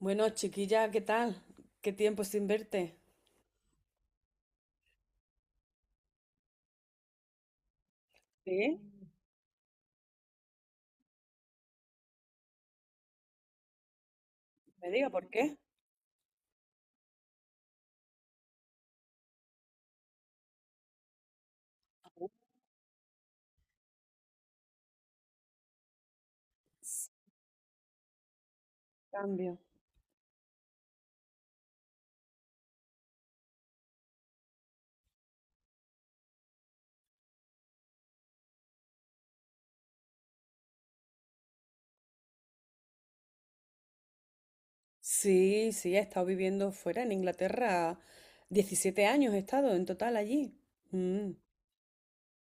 Bueno, chiquilla, ¿qué tal? ¿Qué tiempo sin verte? Sí, me diga por qué. S- Cambio. Sí, sí, he estado viviendo fuera en Inglaterra. 17 años he estado en total allí. Mm.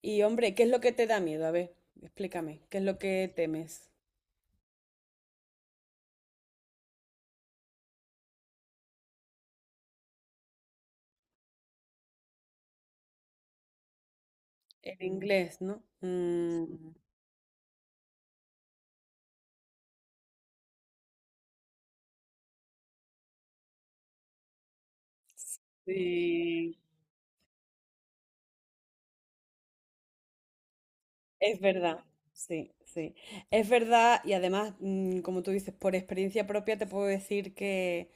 Y hombre, ¿qué es lo que te da miedo? A ver, explícame, ¿qué es lo que temes? El inglés, ¿no? Sí, es verdad, sí, sí. Es verdad y además, como tú dices, por experiencia propia te puedo decir que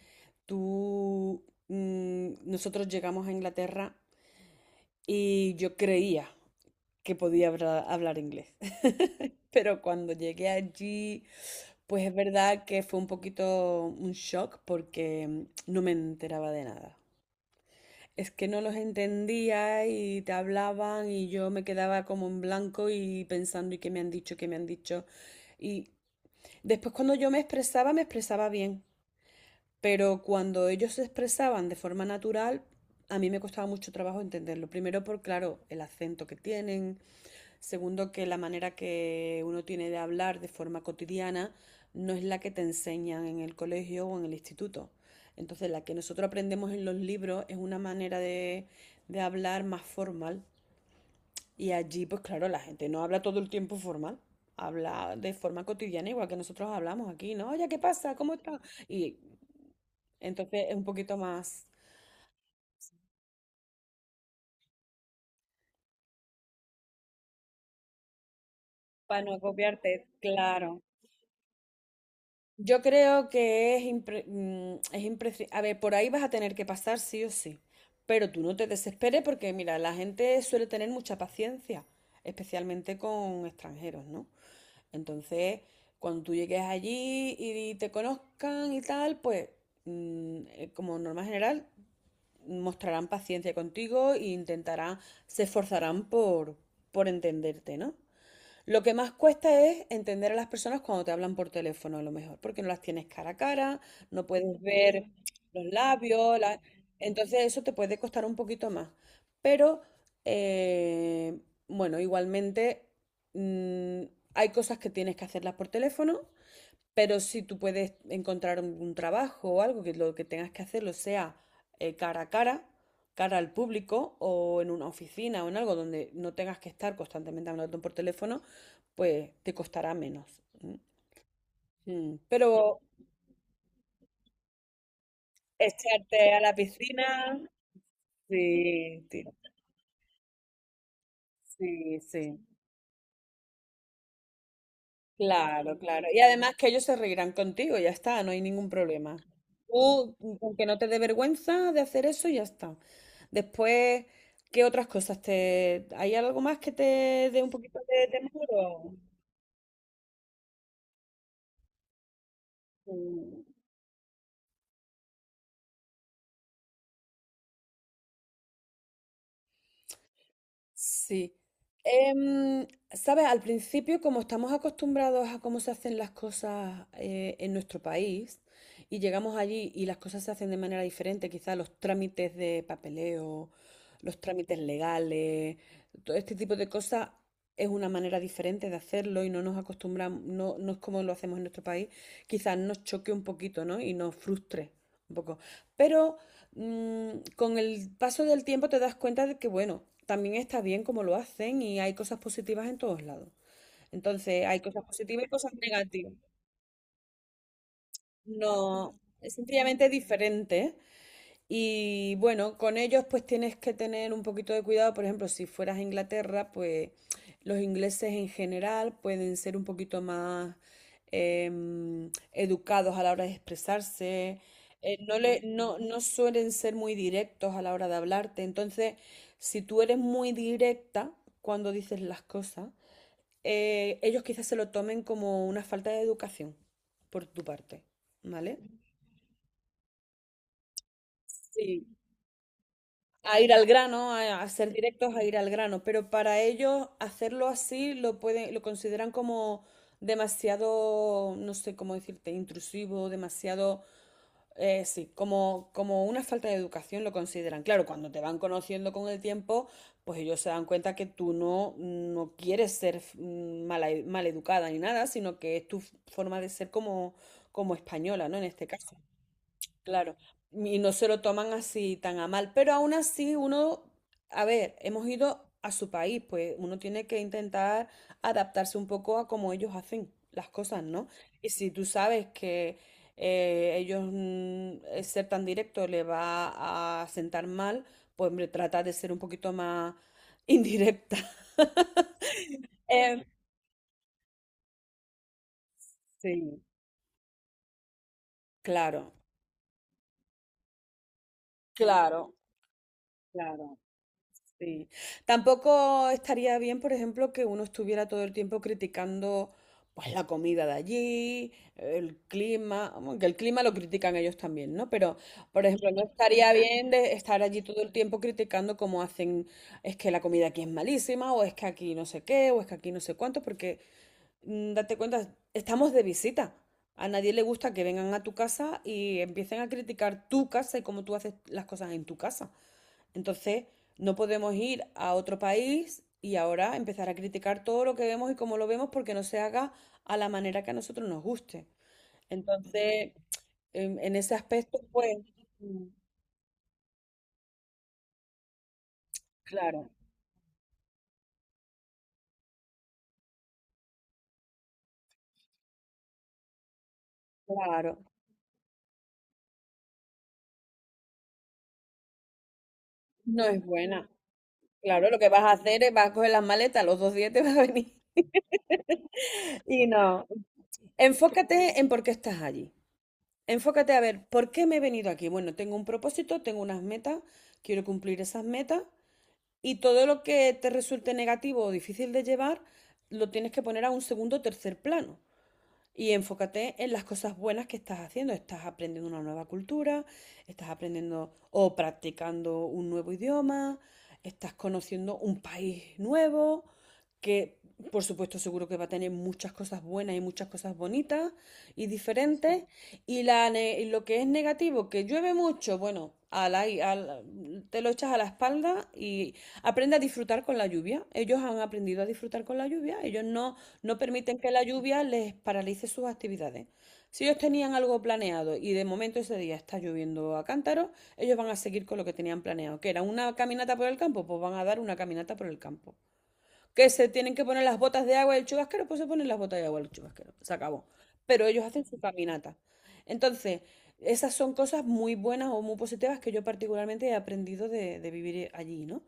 nosotros llegamos a Inglaterra y yo creía que hablar inglés. Pero cuando llegué allí, pues es verdad que fue un poquito un shock porque no me enteraba de nada. Es que no los entendía y te hablaban y yo me quedaba como en blanco y pensando, ¿y qué me han dicho? ¿Qué me han dicho? Y después cuando yo me expresaba bien, pero cuando ellos se expresaban de forma natural, a mí me costaba mucho trabajo entenderlo. Primero por, claro, el acento que tienen. Segundo, que la manera que uno tiene de hablar de forma cotidiana no es la que te enseñan en el colegio o en el instituto. Entonces, la que nosotros aprendemos en los libros es una manera de hablar más formal. Y allí, pues claro, la gente no habla todo el tiempo formal, habla de forma cotidiana, igual que nosotros hablamos aquí, ¿no? Oye, ¿qué pasa? ¿Cómo está? Y entonces es un poquito más. Para no copiarte, claro. Yo creo que es imprescindible. A ver, por ahí vas a tener que pasar sí o sí. Pero tú no te desesperes porque, mira, la gente suele tener mucha paciencia, especialmente con extranjeros, ¿no? Entonces, cuando tú llegues allí y te conozcan y tal, pues, como norma general, mostrarán paciencia contigo e intentarán, se esforzarán por entenderte, ¿no? Lo que más cuesta es entender a las personas cuando te hablan por teléfono, a lo mejor, porque no las tienes cara a cara, no puedes ver los labios, entonces eso te puede costar un poquito más. Pero, eh, bueno, igualmente mm, hay cosas que tienes que hacerlas por teléfono, pero si tú puedes encontrar un trabajo o algo que lo que tengas que hacerlo sea cara a cara, cara al público o en una oficina o en algo donde no tengas que estar constantemente hablando por teléfono, pues te costará menos. ¿M? Pero echarte a la piscina, sí, sí, sí, sí. Claro, claro. Y además que ellos se reirán contigo, ya está, no hay ningún problema. Tú, con que no te dé vergüenza de hacer eso, ya está. Después, ¿qué otras cosas te... ¿Hay algo más que te dé un poquito de temor? ¿o? Mm. Sí. Em, sabes, al principio, como estamos acostumbrados a cómo se hacen las cosas en nuestro país y llegamos allí y las cosas se hacen de manera diferente, quizás los trámites de papeleo, los trámites legales, todo este tipo de cosas es una manera diferente de hacerlo y no nos acostumbramos, no, no es como lo hacemos en nuestro país, quizás nos choque un poquito, ¿no? Y nos frustre un poco. Pero con el paso del tiempo te das cuenta de que, bueno, también está bien como lo hacen y hay cosas positivas en todos lados. Entonces, hay cosas positivas y cosas negativas. No, es sencillamente diferente. Y bueno, con ellos pues tienes que tener un poquito de cuidado. Por ejemplo, si fueras a Inglaterra, pues los ingleses en general pueden ser un poquito más educados a la hora de expresarse. No, no, no suelen ser muy directos a la hora de hablarte. Entonces, si tú eres muy directa cuando dices las cosas, ellos quizás se lo tomen como una falta de educación por tu parte, ¿vale? Sí, a ir al grano, a hacer directos, a ir al grano, pero para ellos hacerlo así lo pueden, lo consideran como demasiado, no sé cómo decirte, intrusivo, demasiado, sí, como una falta de educación lo consideran. Claro, cuando te van conociendo con el tiempo, pues ellos se dan cuenta que tú no quieres ser maleducada ni nada, sino que es tu forma de ser como española, ¿no? En este caso. Claro, y no se lo toman así tan a mal, pero aún así uno, a ver, hemos ido a su país, pues uno tiene que intentar adaptarse un poco a cómo ellos hacen las cosas, ¿no? Y si tú sabes que el ser tan directo le va a sentar mal, pues hombre, trata de ser un poquito más indirecta. Em, sí, claro, claro, claro. Sí. Tampoco estaría bien, por ejemplo, que uno estuviera todo el tiempo criticando pues la comida de allí, el clima, aunque el clima lo critican ellos también, ¿no? Pero, por ejemplo, no estaría bien de estar allí todo el tiempo criticando cómo hacen, es que la comida aquí es malísima, o es que aquí no sé qué, o es que aquí no sé cuánto, porque date cuenta, estamos de visita. A nadie le gusta que vengan a tu casa y empiecen a criticar tu casa y cómo tú haces las cosas en tu casa. Entonces, no podemos ir a otro país y ahora empezar a criticar todo lo que vemos y cómo lo vemos porque no se haga a la manera que a nosotros nos guste. Entonces, en ese aspecto, pues, mm, claro, claro, no es buena. Claro, lo que vas a hacer es vas a coger las maletas, los dos días te vas a venir. Y no. Enfócate en por qué estás allí. Enfócate a ver, ¿por qué me he venido aquí? Bueno, tengo un propósito, tengo unas metas, quiero cumplir esas metas. Y todo lo que te resulte negativo o difícil de llevar, lo tienes que poner a un segundo o tercer plano. Y enfócate en las cosas buenas que estás haciendo. Estás aprendiendo una nueva cultura, estás aprendiendo o practicando un nuevo idioma, estás conociendo un país nuevo, que por supuesto seguro que va a tener muchas cosas buenas y muchas cosas bonitas y diferentes. Y, y lo que es negativo, que llueve mucho, bueno, ala y ala, te lo echas a la espalda y aprende a disfrutar con la lluvia. Ellos han aprendido a disfrutar con la lluvia. Ellos no, no permiten que la lluvia les paralice sus actividades. Si ellos tenían algo planeado y de momento ese día está lloviendo a cántaros, ellos van a seguir con lo que tenían planeado, que era una caminata por el campo, pues van a dar una caminata por el campo. Que se tienen que poner las botas de agua del chubasquero, pues se ponen las botas de agua del chubasquero. Se acabó. Pero ellos hacen su caminata. Entonces, esas son cosas muy buenas o muy positivas que yo particularmente he aprendido de vivir allí, ¿no?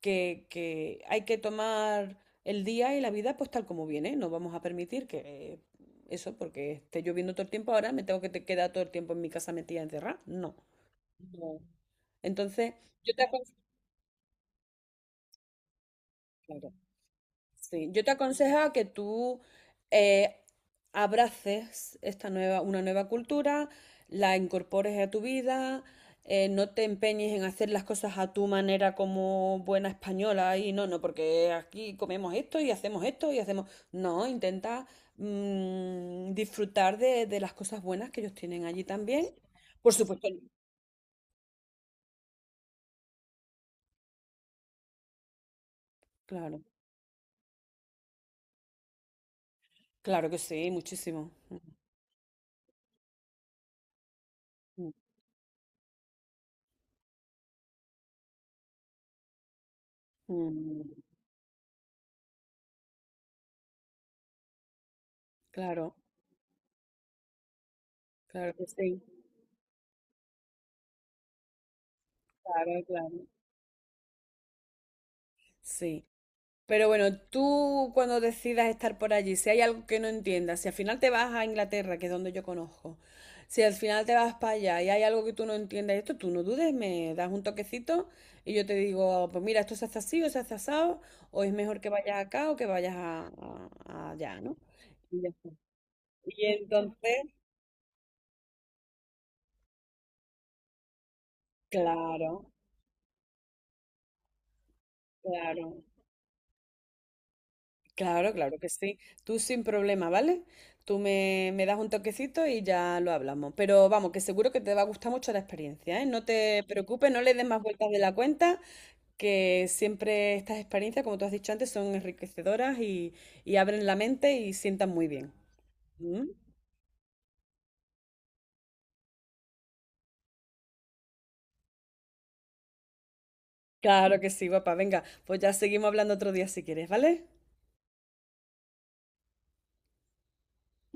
que hay que tomar el día y la vida pues tal como viene. No vamos a permitir que eh, porque esté lloviendo todo el tiempo ahora, me tengo que quedar todo el tiempo en mi casa metida encerrada. No. No. Entonces, yo te aconsejo, claro. Sí, yo te aconsejo que tú eh, abraces una nueva cultura, la incorpores a tu vida, no te empeñes en hacer las cosas a tu manera como buena española y no, no, porque aquí comemos esto y hacemos... No, intenta disfrutar de las cosas buenas que ellos tienen allí también. Por supuesto, claro, claro que sí, muchísimo. Mm, mm, mm. Claro, claro que sí, claro, claro. Sí, pero bueno, tú cuando decidas estar por allí, si hay algo que no entiendas, si al final te vas a Inglaterra, que es donde yo conozco, si al final te vas para allá y hay algo que tú no entiendas, esto tú no dudes, me das un toquecito y yo te digo, pues mira, esto se hace así o se hace asado, o es mejor que vayas acá o que vayas a allá, ¿no? Y ya está. Y entonces, claro, claro. Claro, claro que sí. Tú sin problema, ¿vale? Tú me das un toquecito y ya lo hablamos. Pero vamos, que seguro que te va a gustar mucho la experiencia, ¿eh? No te preocupes, no le des más vueltas de la cuenta, que siempre estas experiencias, como tú has dicho antes, son enriquecedoras y abren la mente y sientan muy bien. ¿Mm? Claro que sí, papá. Venga, pues ya seguimos hablando otro día si quieres, ¿vale?